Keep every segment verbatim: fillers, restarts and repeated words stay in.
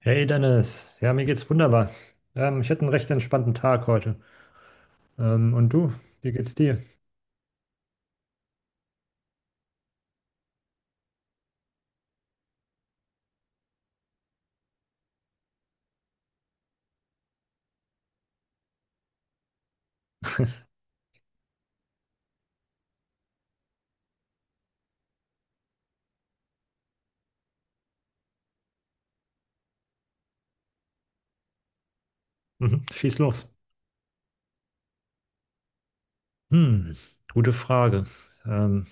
Hey Dennis, ja, mir geht's wunderbar. Ähm, ich hatte einen recht entspannten Tag heute. Ähm, und du, wie geht's dir? Mhm, schieß los. Hm, gute Frage. Ähm,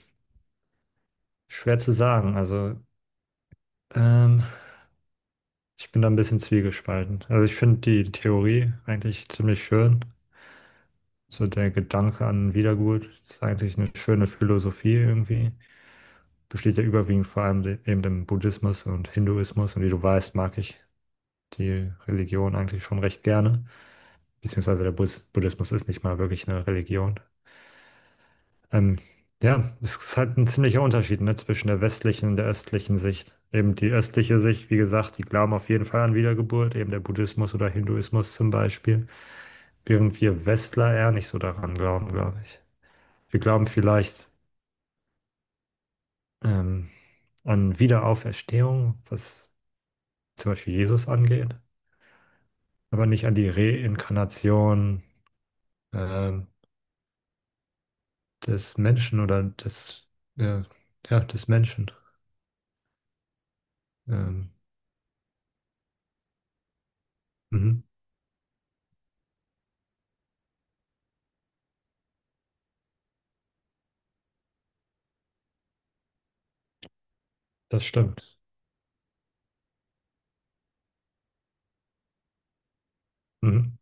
Schwer zu sagen. Also, ähm, ich bin da ein bisschen zwiegespalten. Also, ich finde die Theorie eigentlich ziemlich schön. So der Gedanke an Wiedergeburt ist eigentlich eine schöne Philosophie irgendwie. Besteht ja überwiegend vor allem de- eben im Buddhismus und Hinduismus. Und wie du weißt, mag ich die Religion eigentlich schon recht gerne. Beziehungsweise der Bus Buddhismus ist nicht mal wirklich eine Religion. Ähm, ja, es ist halt ein ziemlicher Unterschied, ne, zwischen der westlichen und der östlichen Sicht. Eben die östliche Sicht, wie gesagt, die glauben auf jeden Fall an Wiedergeburt, eben der Buddhismus oder Hinduismus zum Beispiel, während wir Westler eher nicht so daran glauben, glaube ich. Wir glauben vielleicht ähm, an Wiederauferstehung, was zum Beispiel Jesus angeht, aber nicht an die Reinkarnation ähm, des Menschen oder des, äh, ja, des Menschen. Ähm, mhm, das stimmt. Mhm,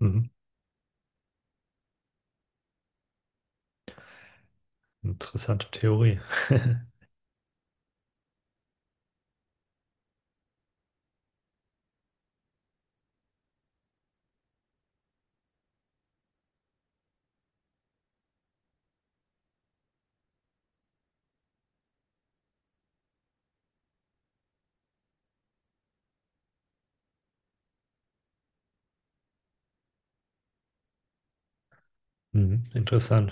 mhm. Interessante Theorie. Mhm, interessant.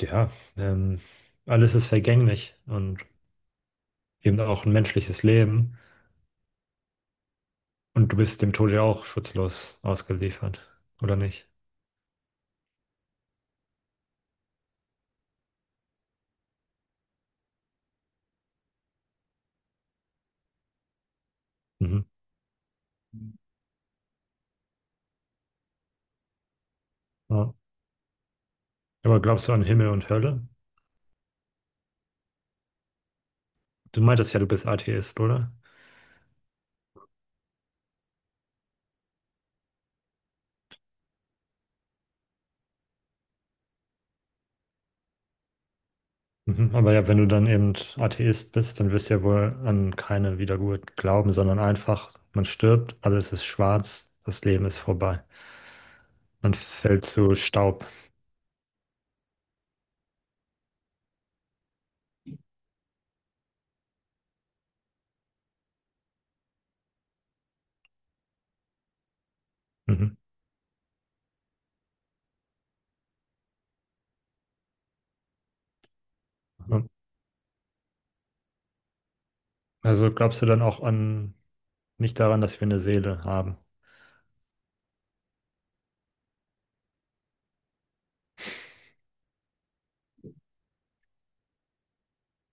Ja, ähm, alles ist vergänglich und eben auch ein menschliches Leben. Und du bist dem Tode ja auch schutzlos ausgeliefert, oder nicht? Mhm. Ja. Aber glaubst du an Himmel und Hölle? Du meintest ja, du bist Atheist, oder? Mhm. Aber ja, wenn du dann eben Atheist bist, dann wirst du ja wohl an keine Wiedergeburt glauben, sondern einfach, man stirbt, alles ist schwarz, das Leben ist vorbei. Man fällt zu Staub. Mhm. Also glaubst du dann auch an, nicht daran, dass wir eine Seele haben?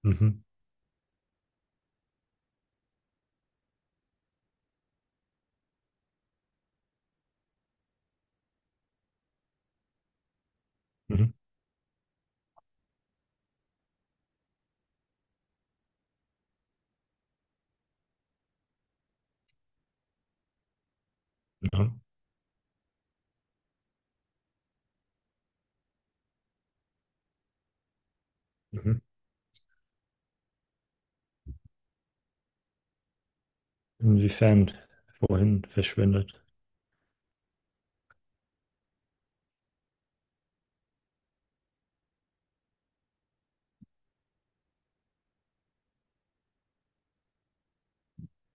Mhm. Mhm. Ja. Mhm. Inwiefern? Wohin verschwindet?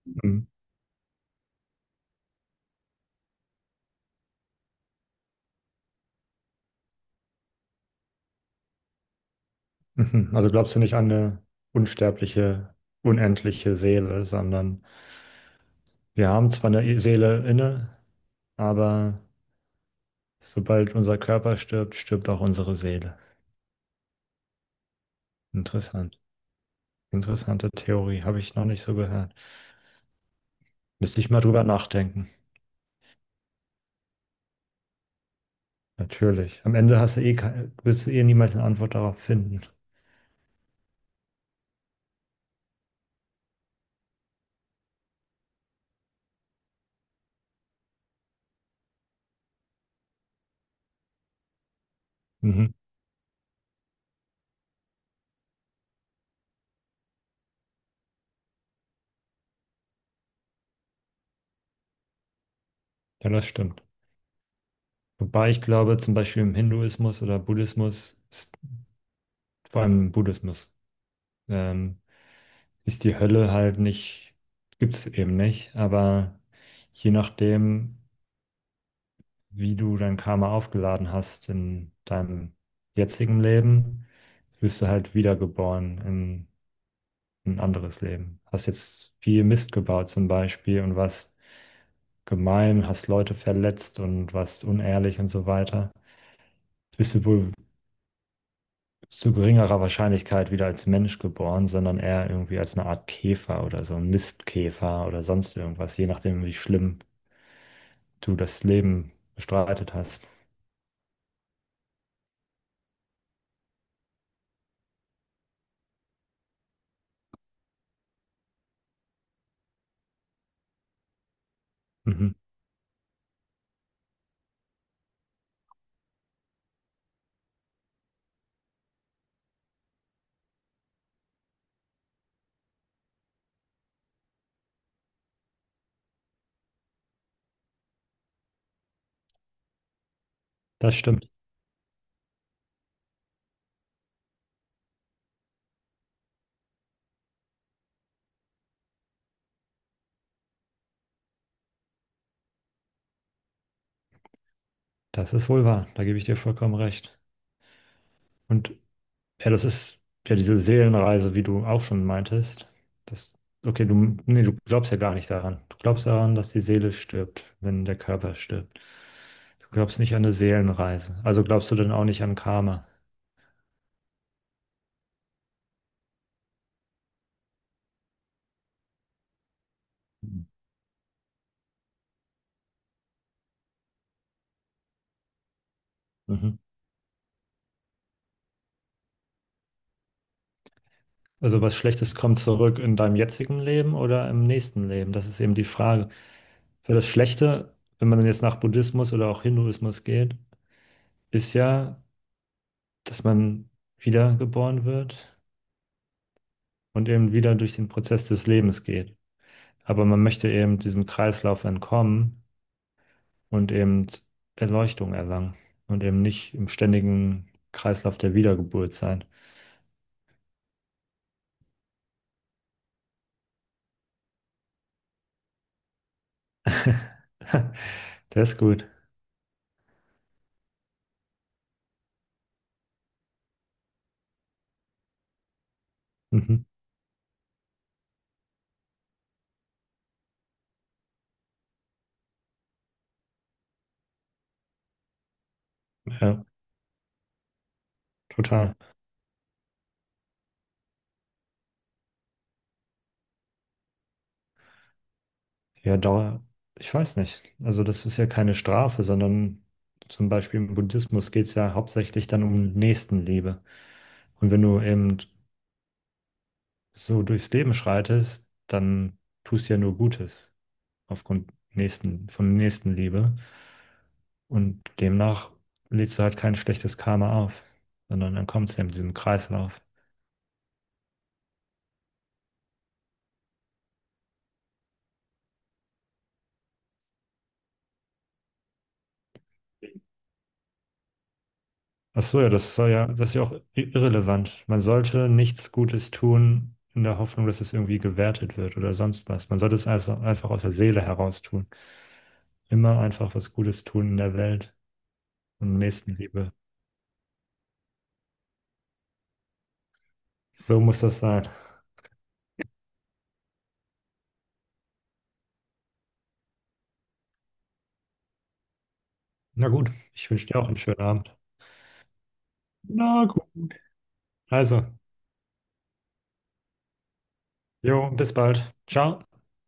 Mhm. Mhm. Also glaubst du nicht an eine unsterbliche, unendliche Seele, sondern wir haben zwar eine Seele inne, aber sobald unser Körper stirbt, stirbt auch unsere Seele. Interessant. Interessante Theorie, habe ich noch nicht so gehört. Müsste ich mal drüber nachdenken. Natürlich. Am Ende hast du eh kein, wirst du eh niemals eine Antwort darauf finden. Mhm. Ja, das stimmt. Wobei ich glaube, zum Beispiel im Hinduismus oder Buddhismus, ist, vor allem im Buddhismus, ähm, ist die Hölle halt nicht, gibt es eben nicht. Aber je nachdem, wie du dein Karma aufgeladen hast in deinem jetzigen Leben, wirst du halt wiedergeboren in ein anderes Leben. Hast jetzt viel Mist gebaut zum Beispiel und warst gemein, hast Leute verletzt und warst unehrlich und so weiter, bist du wohl zu geringerer Wahrscheinlichkeit wieder als Mensch geboren, sondern eher irgendwie als eine Art Käfer oder so ein Mistkäfer oder sonst irgendwas, je nachdem, wie schlimm du das Leben bestreitet hast. Mhm. Das stimmt. Das ist wohl wahr. Da gebe ich dir vollkommen recht. Und ja, das ist ja diese Seelenreise, wie du auch schon meintest. Das, okay, du, nee, du glaubst ja gar nicht daran. Du glaubst daran, dass die Seele stirbt, wenn der Körper stirbt. Du glaubst nicht an eine Seelenreise. Also glaubst du dann auch nicht an Karma. Mhm. Also was Schlechtes kommt zurück in deinem jetzigen Leben oder im nächsten Leben? Das ist eben die Frage. Für das Schlechte, wenn man jetzt nach Buddhismus oder auch Hinduismus geht, ist ja, dass man wiedergeboren wird und eben wieder durch den Prozess des Lebens geht. Aber man möchte eben diesem Kreislauf entkommen und eben Erleuchtung erlangen und eben nicht im ständigen Kreislauf der Wiedergeburt sein. Der ist gut. Mhm. Ja, total. Ja, Dauer, ich weiß nicht. Also das ist ja keine Strafe, sondern zum Beispiel im Buddhismus geht es ja hauptsächlich dann um Nächstenliebe. Und wenn du eben so durchs Leben schreitest, dann tust du ja nur Gutes aufgrund nächsten, von Nächstenliebe. Und demnach lädst du halt kein schlechtes Karma auf, sondern dann kommt es ja mit diesem Kreislauf. Ach so, ja, das soll ja, das ist ja auch i- irrelevant. Man sollte nichts Gutes tun in der Hoffnung, dass es irgendwie gewertet wird oder sonst was. Man sollte es also einfach aus der Seele heraus tun. Immer einfach was Gutes tun in der Welt und Nächstenliebe. So muss das sein. Na gut, ich wünsche dir auch einen schönen Abend. Na gut. Also, jo, bis bald. Ciao.